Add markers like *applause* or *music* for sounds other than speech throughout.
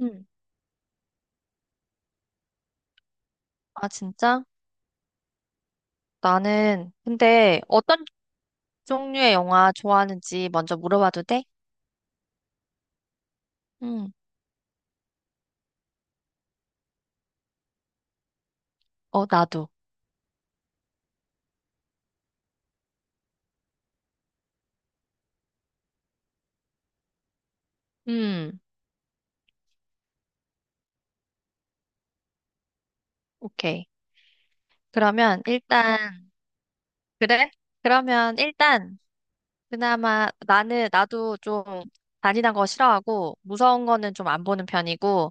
음. 아, 진짜? 나는, 근데 어떤 종류의 영화 좋아하는지 먼저 물어봐도 돼? 음. 어, 나도. 음, 오케이. 그러면 일단, 그래? 그러면 일단, 그나마 나는, 나도 좀 잔인한 거 싫어하고, 무서운 거는 좀 안 보는 편이고,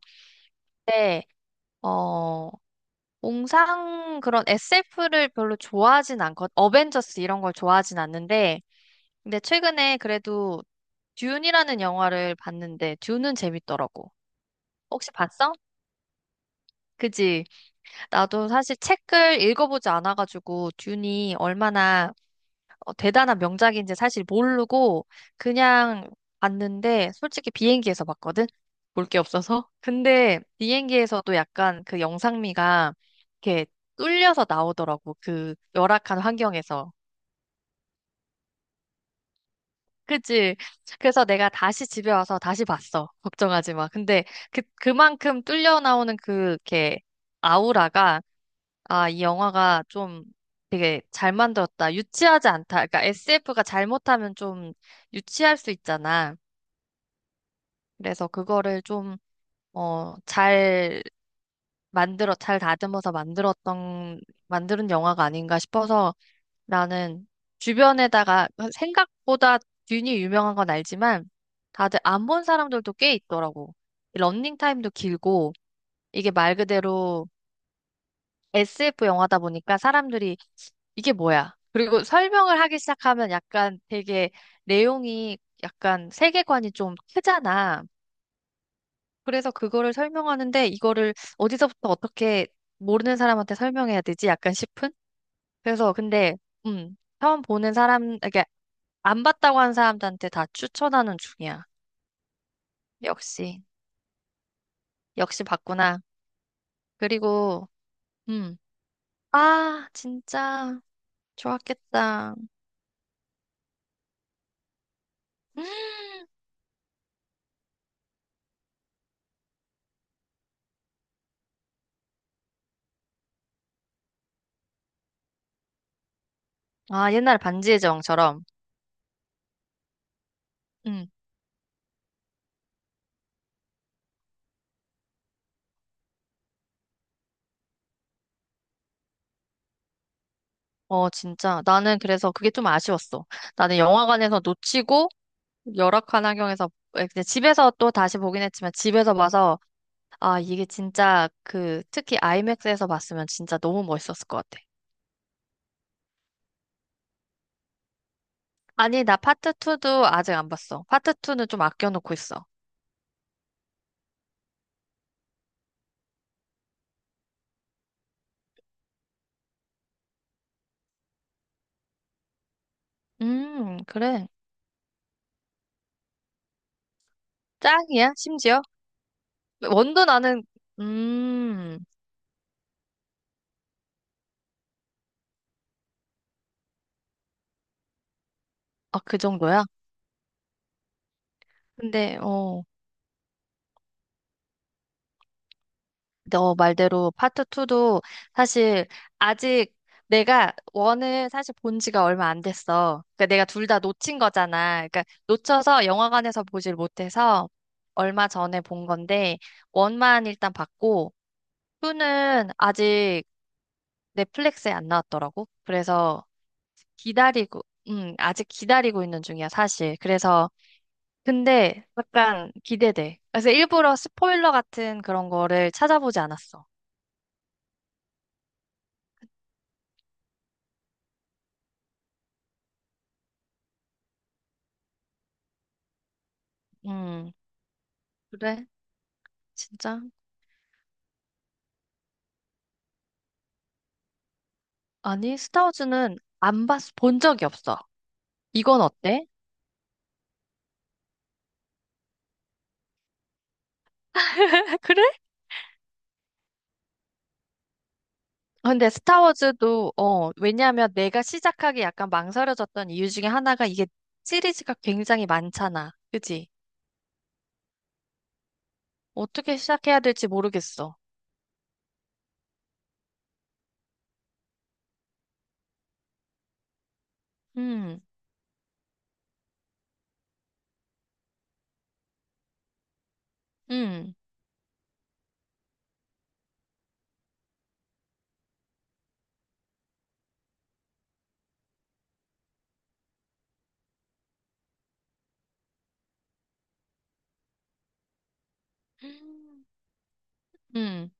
근데, 어, 공상 그런 SF를 별로 좋아하진 않거든. 어벤져스 이런 걸 좋아하진 않는데, 근데 최근에 그래도 듄이라는 영화를 봤는데 듄은 재밌더라고. 혹시 봤어? 그지? 나도 사실 책을 읽어보지 않아가지고 듄이 얼마나 대단한 명작인지 사실 모르고 그냥 봤는데 솔직히 비행기에서 봤거든? 볼 게 없어서. 근데 비행기에서도 약간 그 영상미가 이렇게 뚫려서 나오더라고. 그 열악한 환경에서. 그치? 그래서 내가 다시 집에 와서 다시 봤어. 걱정하지 마. 근데 그, 그만큼 뚫려 나오는 그, 이렇게, 아우라가, 아, 이 영화가 좀 되게 잘 만들었다. 유치하지 않다. 그러니까 SF가 잘못하면 좀 유치할 수 있잖아. 그래서 그거를 좀, 잘 만들어, 잘 다듬어서 만들었던, 만드는 영화가 아닌가 싶어서 나는 주변에다가 생각보다 듄이 유명한 건 알지만 다들 안 본 사람들도 꽤 있더라고. 이 러닝 타임도 길고 이게 말 그대로 SF 영화다 보니까 사람들이 이게 뭐야? 그리고 설명을 하기 시작하면 약간 되게 내용이 약간 세계관이 좀 크잖아. 그래서 그거를 설명하는데 이거를 어디서부터 어떻게 모르는 사람한테 설명해야 되지? 약간 싶은? 그래서 근데 처음 보는 사람 이게 안 봤다고 한 사람들한테 다 추천하는 중이야. 역시 역시 봤구나. 그리고 음 진짜 좋았겠다. *gasps* 아 옛날 반지의 제왕처럼 음 진짜 나는 그래서 그게 좀 아쉬웠어. 나는 영화관에서 놓치고 열악한 환경에서 에, 근데 집에서 또 다시 보긴 했지만 집에서 봐서 이게 진짜 그 특히 아이맥스에서 봤으면 진짜 너무 멋있었을 것 같아. 아니, 나 파트 2도 아직 안 봤어. 파트 2는 좀 아껴놓고 있어. 그래. 짱이야, 심지어? 원도 나는, 음, 아, 그 정도야? 근데, 너 말대로 파트 2도 사실 아직 내가 원을 사실 본 지가 얼마 안 됐어. 그러니까 내가 둘 다 놓친 거잖아. 그러니까 놓쳐서 영화관에서 보질 못해서 얼마 전에 본 건데, 원만 일단 봤고, 투는 아직 넷플릭스에 안 나왔더라고. 그래서 기다리고, 아직 기다리고 있는 중이야, 사실. 그래서, 근데 약간 기대돼. 그래서 일부러 스포일러 같은 그런 거를 찾아보지 않았어. 음, 그래? 진짜? 아니, 스타워즈는 안 봤, 본 적이 없어. 이건 어때? *laughs* 그래? 근데 스타워즈도, 왜냐면 내가 시작하기 약간 망설여졌던 이유 중에 하나가 이게 시리즈가 굉장히 많잖아. 그지? 어떻게 시작해야 될지 모르겠어. 음. 음. 음.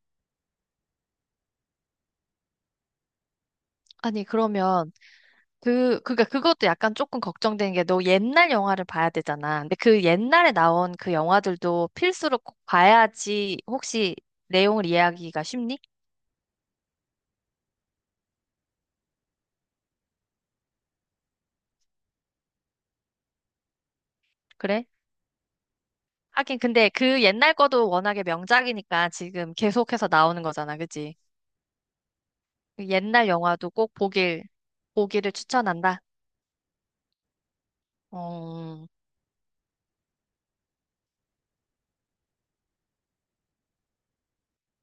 아니, 그러면, 그, 그니까 그것도 약간 조금 걱정되는 게 너 옛날 영화를 봐야 되잖아. 근데 그 옛날에 나온 그 영화들도 필수로 꼭 봐야지 혹시 내용을 이해하기가 쉽니? 그래? 하긴, 근데 그 옛날 거도 워낙에 명작이니까 지금 계속해서 나오는 거잖아. 그치? 그 옛날 영화도 꼭 보길, 보기를 추천한다. 어,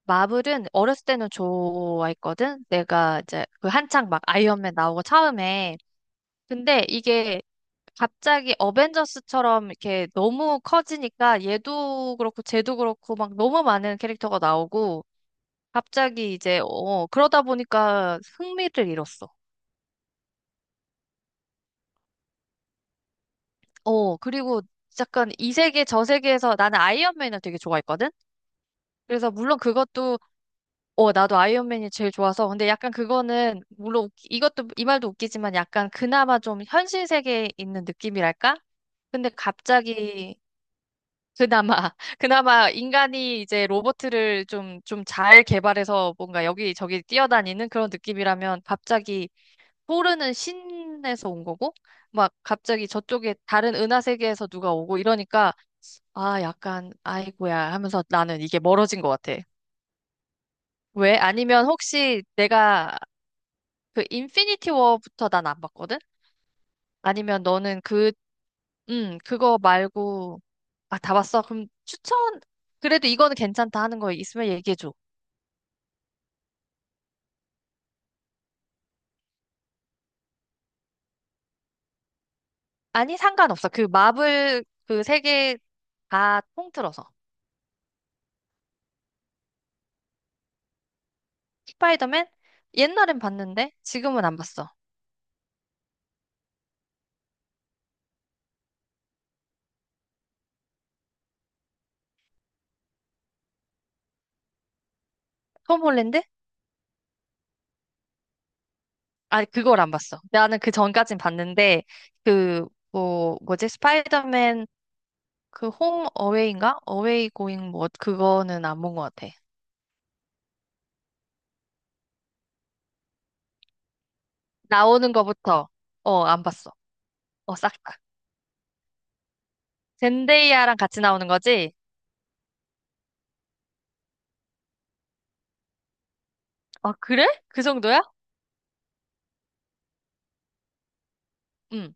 마블은 어렸을 때는 좋아했거든? 내가 이제 그 한창 막 아이언맨 나오고 처음에 근데 이게 갑자기 어벤져스처럼 이렇게 너무 커지니까 얘도 그렇고 쟤도 그렇고 막 너무 많은 캐릭터가 나오고 갑자기 이제 그러다 보니까 흥미를 잃었어. 어 그리고 약간 이 세계 저 세계에서 나는 아이언맨을 되게 좋아했거든. 그래서 물론 그것도 나도 아이언맨이 제일 좋아서 근데 약간 그거는 물론 웃기- 이것도 이 말도 웃기지만 약간 그나마 좀 현실 세계에 있는 느낌이랄까? 근데 갑자기 그나마, *laughs* 그나마 인간이 이제 로봇을 좀, 좀 잘 개발해서 뭔가 여기저기 뛰어다니는 그런 느낌이라면 갑자기 포르는 신에서 온 거고, 막 갑자기 저쪽에 다른 은하 세계에서 누가 오고 이러니까, 아, 약간, 아이고야 하면서 나는 이게 멀어진 것 같아. 왜? 아니면 혹시 내가 그 인피니티 워부터 난 안 봤거든? 아니면 너는 그, 그거 말고, 아, 다 봤어? 그럼 추천, 그래도 이거는 괜찮다 하는 거 있으면 얘기해줘. 아니, 상관없어. 그 마블 그 세 개 다 통틀어서. 스파이더맨? 옛날엔 봤는데 지금은 안 봤어. 톰 홀랜드? 아니, 그걸 안 봤어. 나는 그 전까진 봤는데 그 뭐지? 스파이더맨 그 홈 어웨이인가? 어웨이 고잉 뭐 그거는 안 본 것 같아. 나오는 거부터 어, 안 봤어. 어, 싹 다. 젠데이아랑 같이 나오는 거지? 아, 그래? 그 정도야? 응.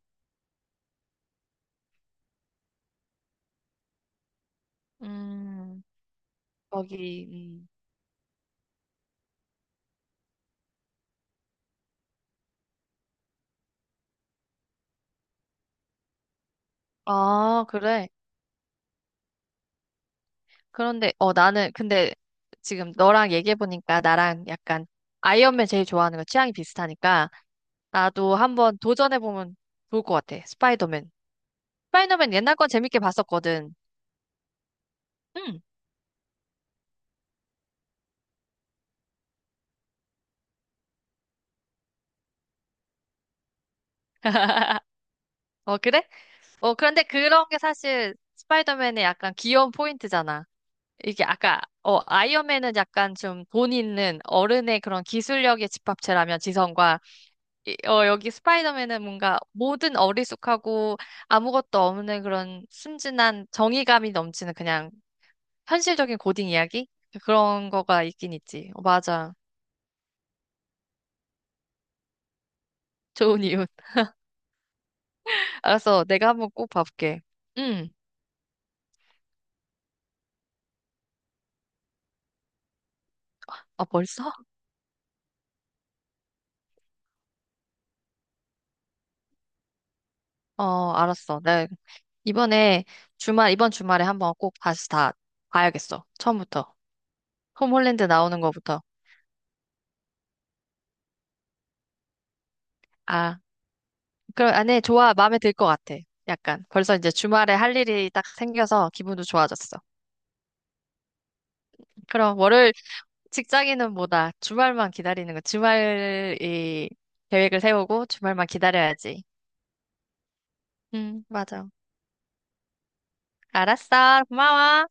음. 거기 아, 그래. 그런데, 나는, 근데 지금 너랑 얘기해보니까 나랑 약간 아이언맨 제일 좋아하는 거 취향이 비슷하니까 나도 한번 도전해보면 좋을 것 같아. 스파이더맨. 스파이더맨 옛날 건 재밌게 봤었거든. 응. *laughs* 어, 그래? 그런데 그런 게 사실 스파이더맨의 약간 귀여운 포인트잖아. 이게 아까, 아이언맨은 약간 좀 돈 있는 어른의 그런 기술력의 집합체라면 지성과 여기 스파이더맨은 뭔가 모든 어리숙하고 아무것도 없는 그런 순진한 정의감이 넘치는 그냥 현실적인 고딩 이야기? 그런 거가 있긴 있지. 어, 맞아. 좋은 이웃. *laughs* 알았어. 내가 한번 꼭 봐볼게. 응. 아, 벌써? 어, 알았어. 나 이번에 주말, 이번 주말에 한번 꼭 다시 다 봐야겠어. 처음부터. 홈 홀랜드 나오는 거부터. 아, 그럼, 아, 네, 좋아. 마음에 들 것 같아. 약간. 벌써 이제 주말에 할 일이 딱 생겨서 기분도 좋아졌어. 그럼 월요일 직장인은 뭐다. 주말만 기다리는 거. 주말이 계획을 세우고 주말만 기다려야지. 응, 맞아. 알았어. 고마워.